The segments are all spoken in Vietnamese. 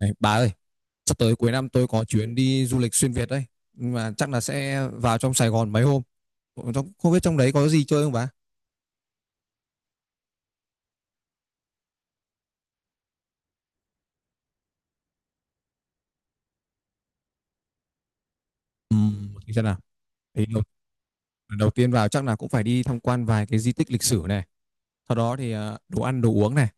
Này, bà ơi, sắp tới cuối năm tôi có chuyến đi du lịch xuyên Việt đấy. Nhưng mà chắc là sẽ vào trong Sài Gòn mấy hôm. Không không biết trong đấy có gì chơi không bà? Ừ, thì xem nào. Thì đầu, Đầu tiên vào chắc là cũng phải đi tham quan vài cái di tích lịch sử này. Sau đó thì đồ ăn, đồ uống này.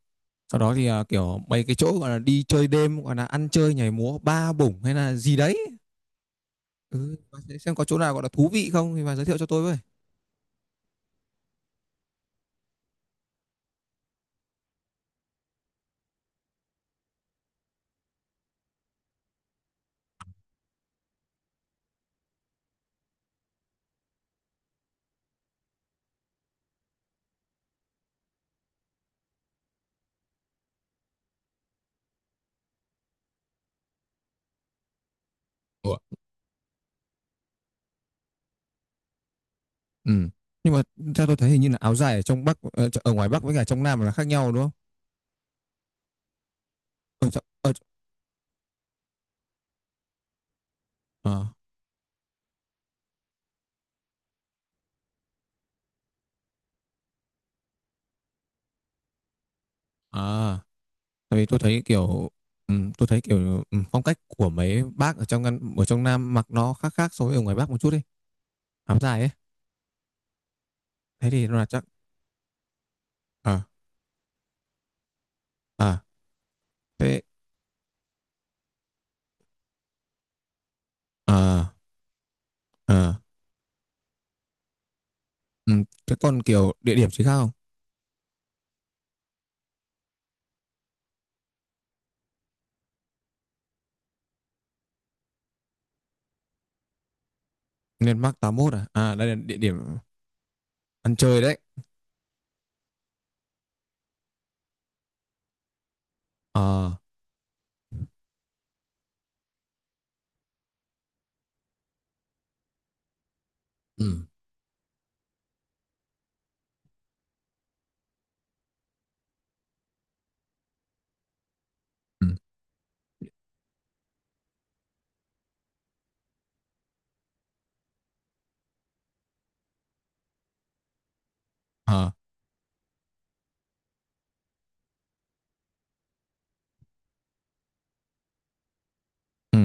Sau đó thì kiểu mấy cái chỗ gọi là đi chơi đêm, gọi là ăn chơi, nhảy múa, ba bủng hay là gì đấy. Ừ, bà sẽ xem có chỗ nào gọi là thú vị không thì bà giới thiệu cho tôi với. Ủa? Ừ. Nhưng mà theo tôi thấy hình như là áo dài ở trong Bắc, ở ngoài Bắc với cả trong Nam là khác nhau đúng không? Ở, trong- ở Ờ, à, tại vì tôi thấy tôi thấy kiểu phong cách của mấy bác ở trong Nam mặc nó khác khác so với ở ngoài Bắc một chút đi, áo dài ấy. Thế thì nó là chắc. À à thế à à Ừ. Thế còn kiểu địa điểm chính khác không? Nên Bắc 81, đây là địa điểm ăn chơi đấy. ờ ừ ừ. ờ ừ.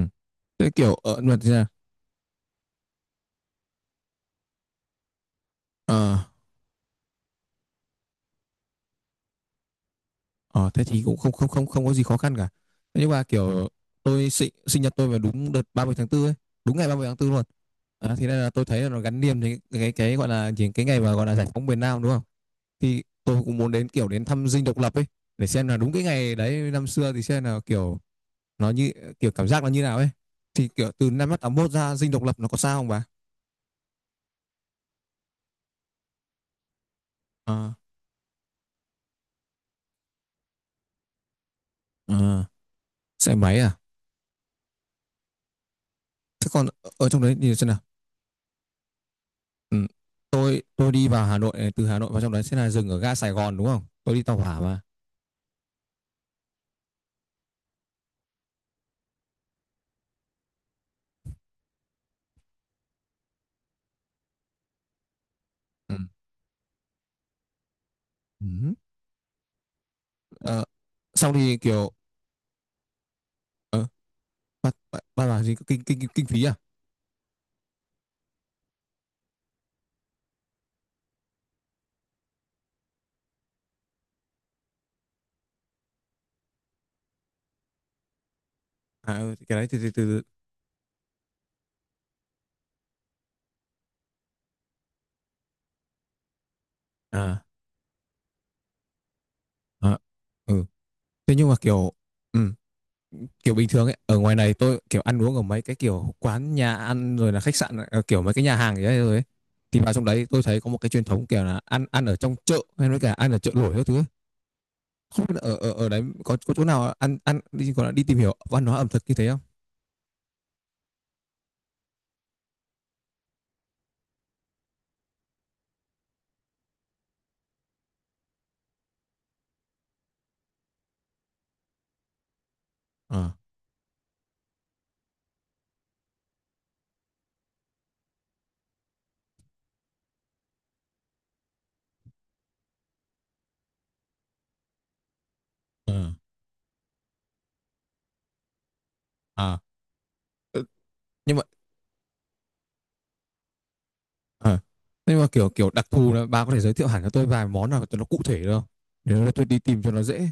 Thế kiểu ở luật ra. Ờ, thế thì cũng không không không không có gì khó khăn cả. Thế nhưng mà kiểu, tôi sinh sinh nhật tôi vào đúng đợt 30/4 ấy, đúng ngày 30/4 luôn. À, thế nên là tôi thấy là nó gắn liền với cái gọi là gì, cái ngày mà gọi là giải phóng miền Nam đúng không? Thì tôi cũng muốn đến kiểu đến thăm dinh độc lập ấy, để xem là đúng cái ngày đấy năm xưa thì xem là kiểu nó như kiểu cảm giác nó như nào ấy. Thì kiểu từ năm 81 ra dinh độc lập nó có sao không bà? À, à, xe máy à? Thế còn ở trong đấy nhìn xem nào. Ừ. Tôi đi vào Hà Nội này, từ Hà Nội vào trong đấy sẽ là dừng ở ga Sài Gòn đúng không? Tôi đi tàu hỏa mà. Ừ. Ừ. Ờ, xong thì kiểu bắt bắt bắt là gì, kinh kinh kinh phí à? À, ừ, cái đấy từ từ. à à ừ. Thế nhưng mà kiểu, ừ, kiểu bình thường ấy, ở ngoài này tôi kiểu ăn uống ở mấy cái kiểu quán nhà ăn, rồi là khách sạn, ờ, kiểu mấy cái nhà hàng gì đấy rồi ấy. Thì vào trong đấy tôi thấy có một cái truyền thống kiểu là ăn ăn ở trong chợ hay nói cả ăn ở chợ nổi các thứ. Không biết là ở ở ở đấy có chỗ nào ăn ăn đi gọi là đi tìm hiểu văn hóa ẩm thực như thế không? Ờ. Ờ. À. Ừ. Nhưng mà ờ, nhưng mà kiểu kiểu đặc thù là bà có thể giới thiệu hẳn cho tôi vài món nào cho nó cụ thể được không? Để nó, tôi đi tìm cho nó dễ.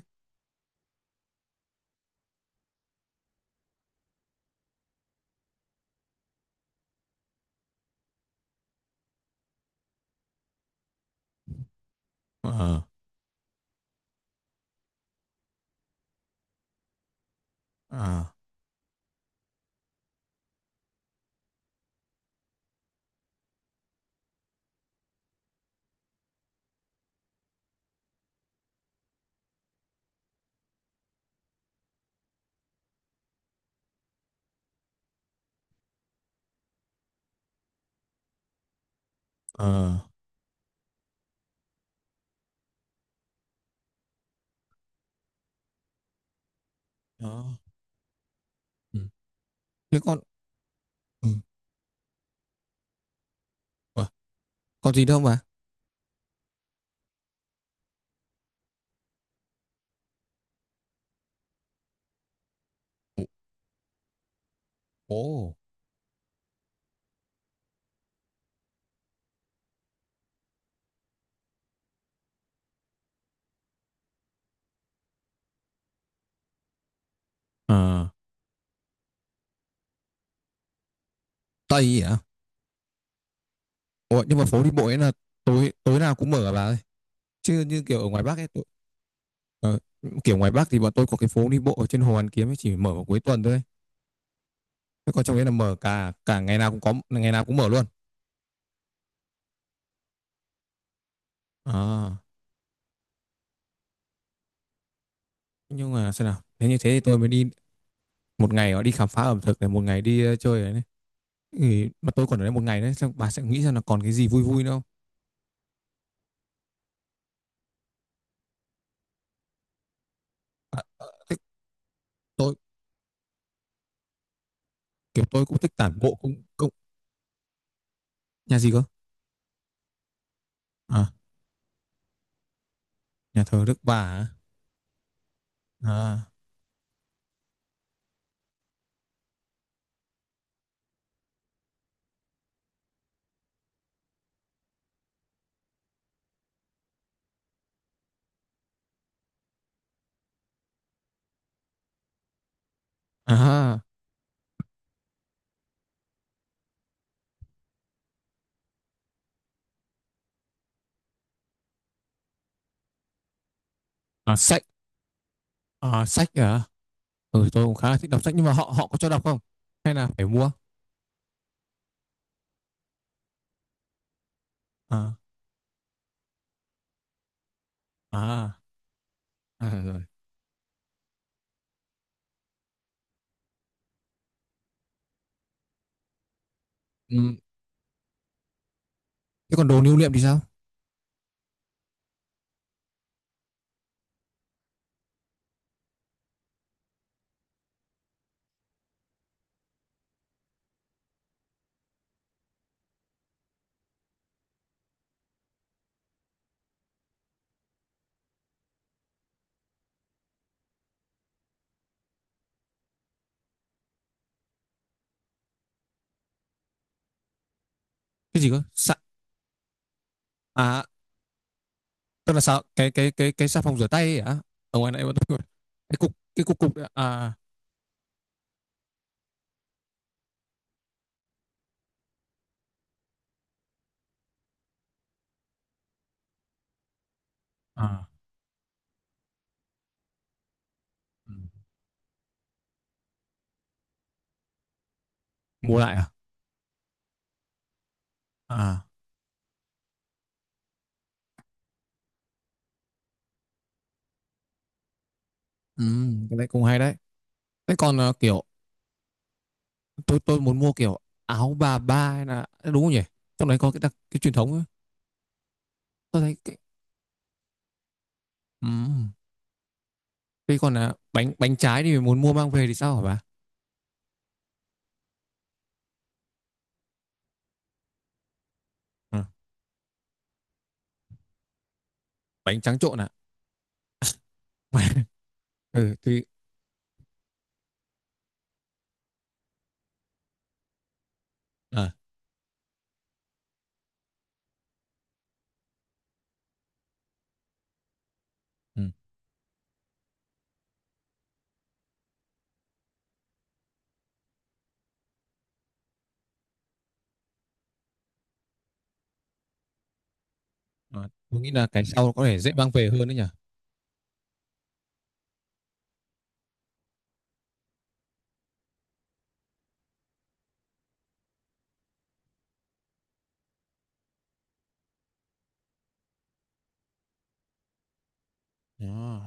Ờ à ờ đó ừ Thế con, ừ, ờ, còn gì đâu mà. Ồ. Ồ. Ờ. Tây à? Ủa, nhưng mà phố đi bộ ấy là tối tối nào cũng mở à bà ơi? Chứ như kiểu ở ngoài Bắc ấy, tôi, ờ, kiểu ngoài Bắc thì bọn tôi có cái phố đi bộ ở trên Hồ Hoàn Kiếm ấy chỉ mở vào cuối tuần thôi. Thế còn trong đấy là mở cả cả ngày nào cũng có, ngày nào cũng mở luôn à? Nhưng mà xem nào, nếu như thế thì tôi mới đi một ngày đó đi khám phá ẩm thực này, một ngày đi ờ, chơi này, này. Ừ, mà tôi còn ở đây một ngày đấy xong bà sẽ nghĩ rằng là còn cái gì vui vui nữa không. À, thế tôi kiểu tôi cũng thích tản bộ cũng cũng nhà gì cơ? À, nhà thờ Đức Bà. À, à, à à sách à sách, à. Ừ tôi cũng khá là thích đọc sách nhưng mà họ họ có cho đọc không, hay là phải mua? À, à, à, rồi. Ừ. Thế còn đồ lưu niệm thì sao? Cái gì cơ, sa? À, tức là sao, cái xà phòng rửa tay ấy hả? Ở ngoài này vẫn, cái cục cục đấy ạ. À. À. Ừ. Mua lại à? À. Ừ, cái này cũng hay đấy. Thế còn ờ, kiểu tôi muốn mua kiểu áo bà ba hay là à, đúng không nhỉ, trong đấy có cái đặc cái truyền thống ấy. Tôi thấy cái. Ừ. Thế còn là bánh bánh trái thì muốn mua mang về thì sao hả bà? Ừ. Bánh trắng trộn à? Ừ thì à. Ừ. À, tôi nghĩ là cái sau có thể dễ mang về hơn đấy nhỉ. Đó.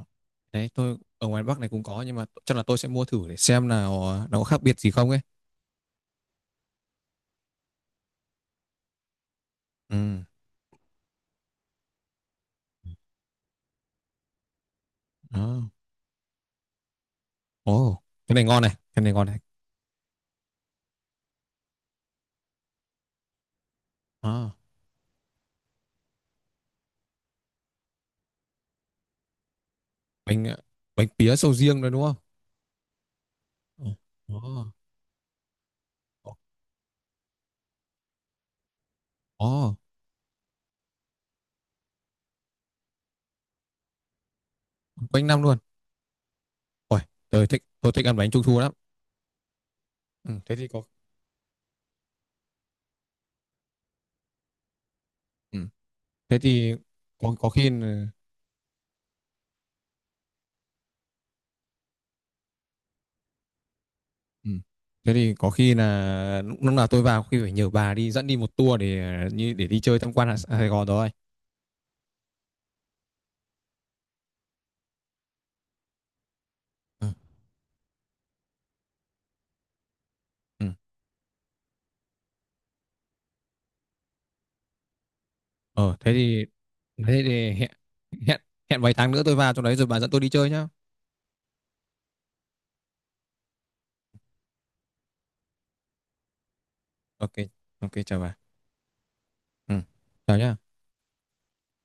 Đấy tôi ở ngoài Bắc này cũng có nhưng mà chắc là tôi sẽ mua thử để xem nào ờ, nó có khác biệt gì không ấy. Ừ. Đó. Ồ, cái này ngon này, cái này ngon này. À. Bánh ờ, bánh pía sầu riêng rồi đúng không? Ồ. Ồ. Ồ, quanh năm luôn. Ôi, tôi thích ăn bánh trung thu lắm. Ừ, thế thì có. Ừ. Thế thì có khi là. Ừ. Thế thì có khi là lúc lúc nào tôi vào khi phải nhờ bà đi dẫn đi một tour để ờ, như để đi chơi tham quan ở Sài Gòn rồi. Ừ. Ừ. Ờ thế thì, thế thì hẹn, hẹn hẹn vài tháng nữa tôi vào trong đấy rồi bà dẫn tôi đi chơi nhá. Ok, ok chào bà. Ừ. Chào nhá.